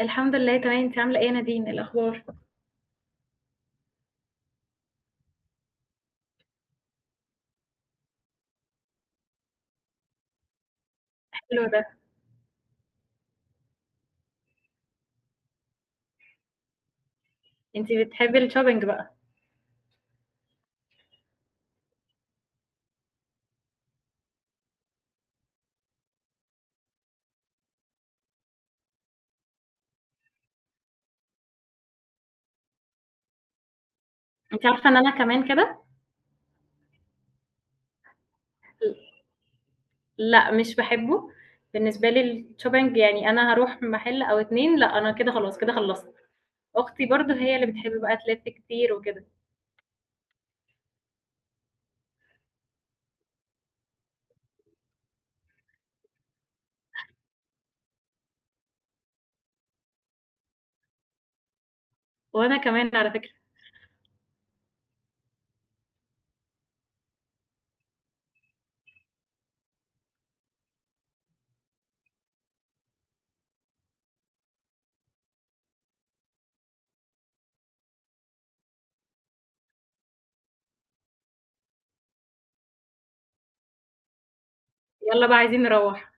الحمد لله تمام. انت عامله ايه يا نادين؟ إيه الاخبار؟ حلو ده. انت بتحبي الشوبينج بقى؟ انت عارفه ان انا كمان كده. لا مش بحبه. بالنسبه لي الشوبينج يعني انا هروح محل او اتنين، لا انا كده خلاص، كده خلصت. اختي برضو هي اللي بتحب بقى تلف كتير وكده. وانا كمان على فكره. يلا بقى عايزين نروح.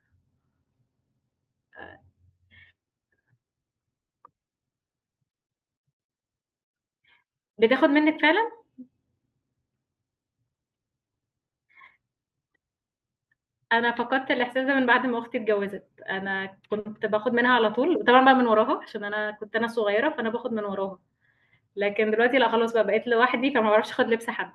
بتاخد منك فعلا. انا فقدت الاحساس ده من بعد ما اختي اتجوزت. انا كنت باخد منها على طول، وطبعا بقى من وراها، عشان انا كنت صغيره، فانا باخد من وراها. لكن دلوقتي لا خلاص بقى، بقيت لوحدي، فما بعرفش اخد لبس حد.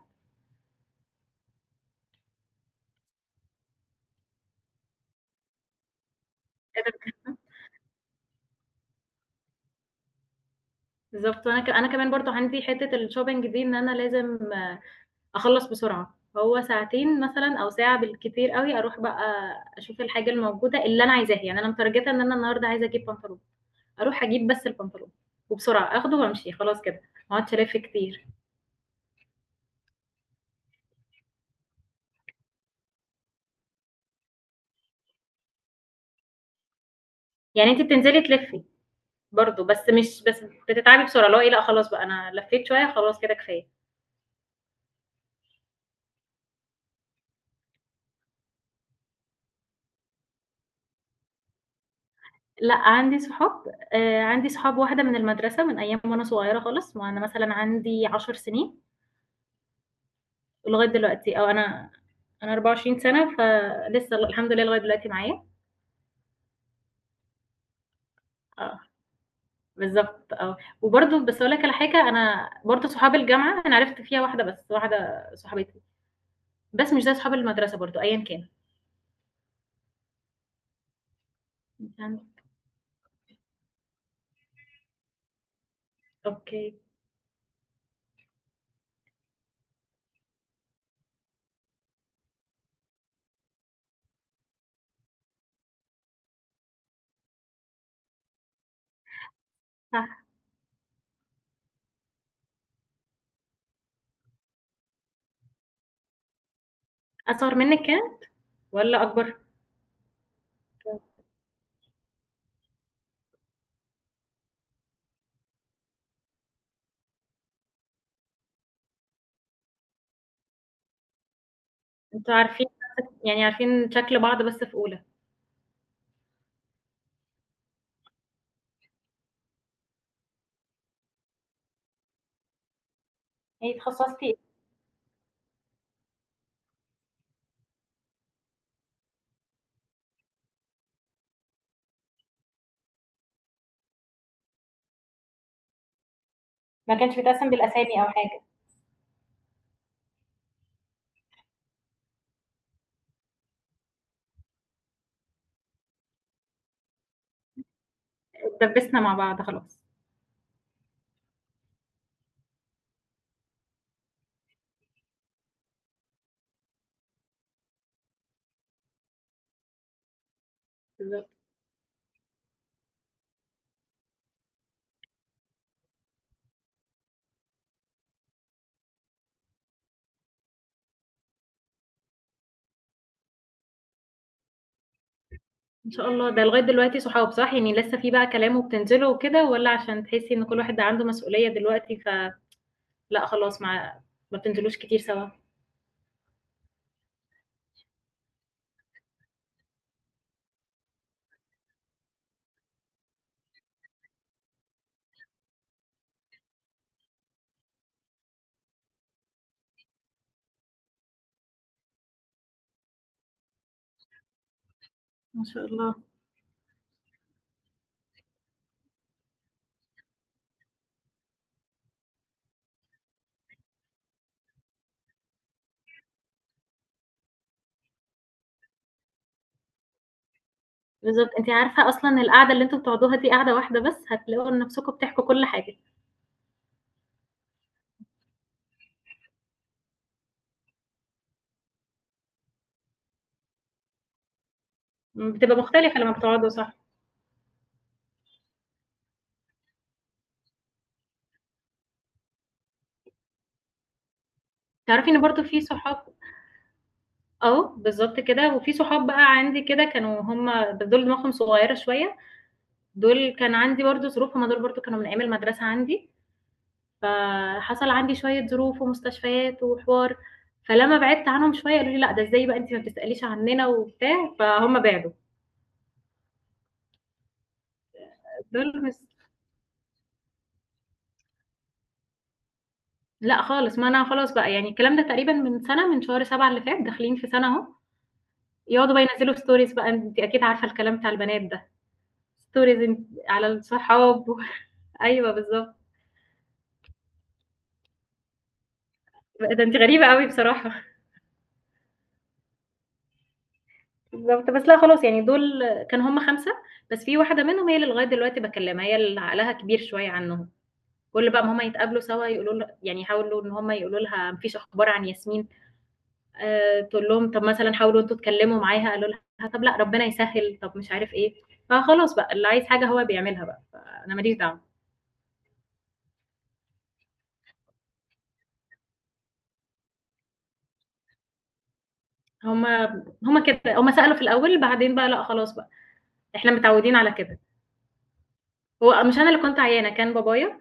بالضبط، وأنا ك أنا كمان برضه عندي حتّة الshopping دي، إن أنا لازم أخلّص بسرعة، هو ساعتين مثلًا أو ساعة بالكتير أوي، أروح بقى أشوف الحاجة الموجودة اللي أنا عايزاها. يعني أنا متارجتة إن أنا النهارده عايزة أجيب بنطلون، أروح أجيب بس البنطلون وبسرعة آخده وأمشي خلاص كده، ما اقعدش ألِف كتير. يعني أنتِ بتنزلي تلِفّي برضه، بس مش بتتعبي بسرعة، اللي هو إيه لأ خلاص بقى أنا لفّيت شوية خلاص كده كفاية. لأ عندي صحاب. عندي صحاب واحدة من المدرسة من أيام وأنا صغيرة خالص، وأنا مثلًا عندي 10 سنين لغاية دلوقتي، أو أنا 24 سنة، فلسه الحمد لله لغاية دلوقتي معايا. آه، بالضبط آه. وبرضه بس أقول لك على حاجة، أنا برضه صحاب الجامعة أنا عرفت فيها واحدة بس، واحدة صاحبتي، بس مش زي صحاب المدرسة برضه أيًا كان. أنت- أوكي، صح. أصغر منِّك كام والّا أكبر؟ أنتم عارفين، يعني عارفين شكل بعض بس في أولى. يعني اتخصصتِ إيه؟ ما كانش بيتقسم بالأسامي أو حاجة؟ اتدبسنا مع بعض خلاص. بالضبط. إن شاء الله، ده لغاية دلوقتي صحاب صح؟ يعني لسه في بقى كلام وبتنزلوا وكده والّا عشان تحسّي إن كل واحد عنده مسؤولية دلوقتي، فلأ خلاص، ما بتنزلوش كتير سوا؟ ما شاء الله. بالضبط، أنتِ عارفة أصلًا القعدة اللي أنتم بتقعدوها دي قعدة واحدة بس، هتلاقوا نفسكم بتحكوا كل حاجة. بتبقى مختلفة لمّا بتقعدوا صح. تعرفي إن برضه في صحاب، آه، بالضبط كده. وفي صحاب بقى عندي كده كانوا هُم، دول دماغهم صغيرة شوية، دول كان عندي برضه ظروف، هُم دول برضه كانوا من أيام المدرسة عندي. فحصل عندي شوية ظروف ومستشفيات وحوار، فلمّا بعدت عنهم شوية قالوا لي: "لأ، ده إزاي بقى أنتِ ما بتسأليش عننا،" وبتاع، فهُم بعدوا. دول مس لأ خالص، ما أنا خلاص بقى، يعني الكلام ده تقريبًا من سنة، من شهر 7 اللي فات، داخلين في سنة أهو، يقعدوا بقى ينزّلوا stories بقى، أنتِ أكيد عارفة الكلام بتاع البنات ده، stories أنتِ على الصحاب و أيوه بالضبط. ده أنتِ غريبة أوي بصراحة. بالضبط، بس لأ خلاص يعني دول كانوا هُم 5، بس في واحدة منهم هي اللي لغاية دلوقتي باكلمها، هي اللي عقلها كبير شوية عنّهم. كل بقى ما هما يتقابلوا سوا يقولوا له، يعني يحاولوا ان هما يقولوا لها مفيش اخبار عن ياسمين، آه تقول لهم طب مثلا حاولوا انتوا تكلموا معاها، قالوا لها طب لا ربنا يسهل طب مش عارف ايه. فخلاص بقى اللي عايز حاجه هو بيعملها بقى، فانا ماليش دعوه. هما كده هما سالوا في الاول، بعدين بقى لا خلاص بقى، احنا متعودين على كده. هو مش انا اللي كنت عيانه، كان بابايا،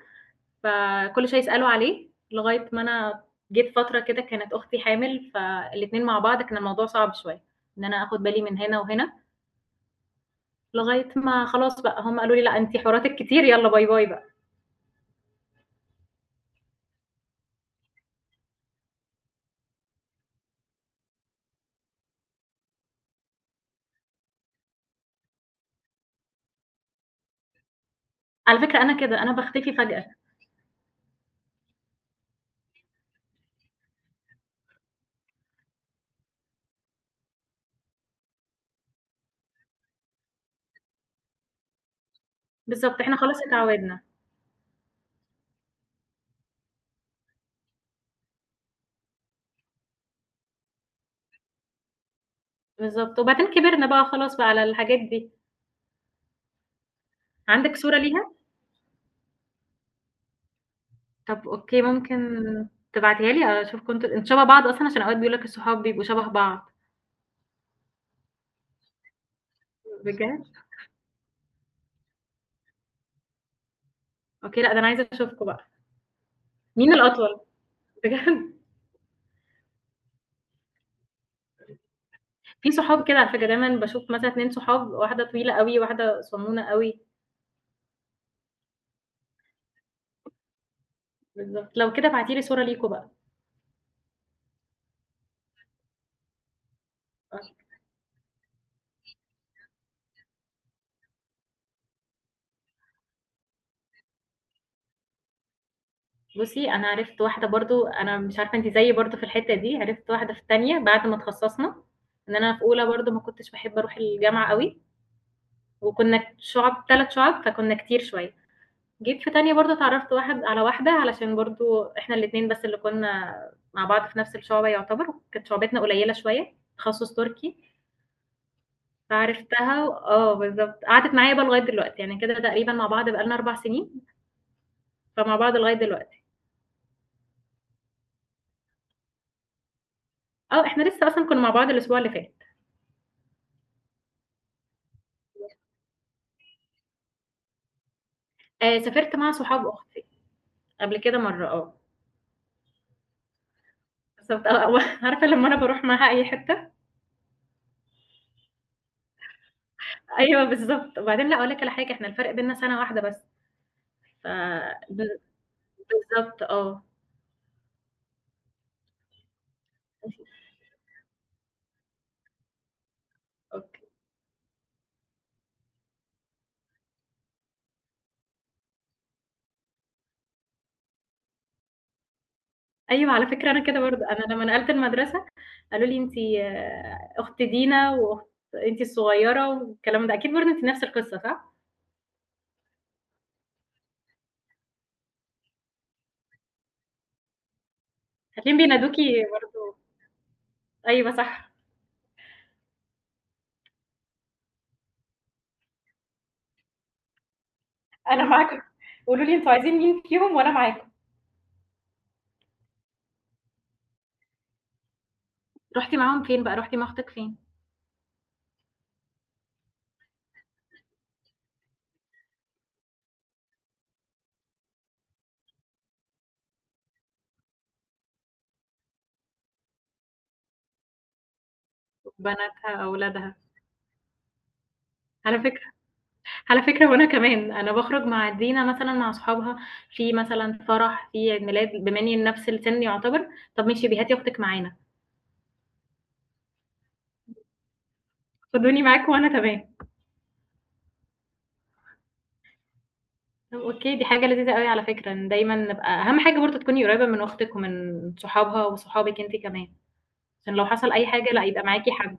فكل شويه يسالوا عليه، لغايه ما انا جيت فتره كده كانت اختي حامل، فالاتنين مع بعض كان الموضوع صعب شويه ان انا اخد بالي من هنا وهنا. لغاية ما خلاص بقى هم قالوا لي: "لأ أنتِ حواراتِك كتير، يالّا باي باي بقى." على فكرة أنا كده، أنا باختفي فجأة. بالضبط، إحنا خلاص اتعوّدنا. بالضبط، وبعدين كبرنا بقى خلاص بقى على الحاجات دي. عندِك صورة ليها؟ طب أوكي، ممكن تبعتيها لي أشوف كنتم أنتم شبه بعض أصلًا؟ عشان أوقات بيقولوا لك الصحاب بيبقوا شبه بعض. بجد؟ أوكي، لأ ده أنا عايزة أشوفكم بقى. مين الأطول؟ بجد. في صحاب كده على فكرة دايمًا باشوف مثلًا 2 صحاب، واحدة طويلة أوي، واحدة صنونة أوي. بالضبط، لو كده ابعتي لي صورة ليكم بقى. بُصّي، أنا عرفت واحدة برضه، أنا مش عارفة أنتِ زيي برضه في الحتّة دي، عرفت واحدة في التانية بعد ما اتخصّصنا، إن أنا في أولى برضه ما كنتش باحب أروح الجامعة أوي، وكنا شُعَب 3 شُعَب فكنا كتير شوية، جيت في تانية برضه اتعرّفت واحد على واحدة، علشان برضه إحنا الاتنين بس اللي كنا مع بعض في نفس الشُعبة يعتبر، وكانت شُعبتنا قليّلة شوية، تخصُّص تركي، آه بالضبط، قعدت معايا بقى لغاية دلوقتي، يعني كده تقريبًا مع بعض بقى لنا 4 سنين، فمع بعض لغاية دلوقتي. آه، إحنا لسه أصلًا كنا مع بعض الأسبوع اللي فات. سافرت مع صحاب أختي قبل كده مرّة آه، بالضبط آه، و عارفة لمّا أنا باروح معاها أي حتّة، أيوه بالضبط. وبعدين لأ أقول لِك على حاجة، إحنا الفرق بيننا سَنة واحدة بس، ف ب بالضبط آه. أوكي. أيوه على فكرة أنا كده برضه، أنا لمّا نقلت المدرسة قالوا لي: "أنتِ أخت دينا وأخت، أنتِ الصغيّرة." والكلام ده، أكيد برضه أنتِ نفس القصة صح؟ هتلاقيهم بينادوكِ برضه. أيوه صح، أنا معاكم، قولوا لي أنتم عايزين مين فيهم وأنا معاكم. رُحتِ معاهم فين بقى، رُحتِ مع أختك فين؟ بناتها، أولادها؟ على فكرة على فكرة وأنا كمان، أنا باخرج مع دينا مثلًا مع صحابها في مثلًا فرح، في عيد ميلاد، بما إني نفس السِن يعتبر، طَب ماشي، هاتي أختِك معانا. خدوني معاكم وأنا تمام. طَب أوكي، دي حاجة لذيذة أوي على فكرة، إن دايمًا نبقى أهم حاجة برضه تكوني قريّبة من أختِك ومن صحابها وصحابِك أنتِ كمان، عشان لو حصل أي حاجة لأ، يبقى معاكِ حد.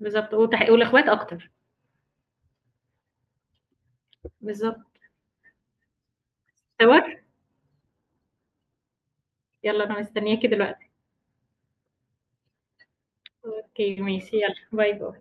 بالضبط، وتح والإخوات أكتر. بالضبط. صور؟ يالّا أنا مستنياكِ دلوقتي. أوكي ماشي، يالّا باي، باي.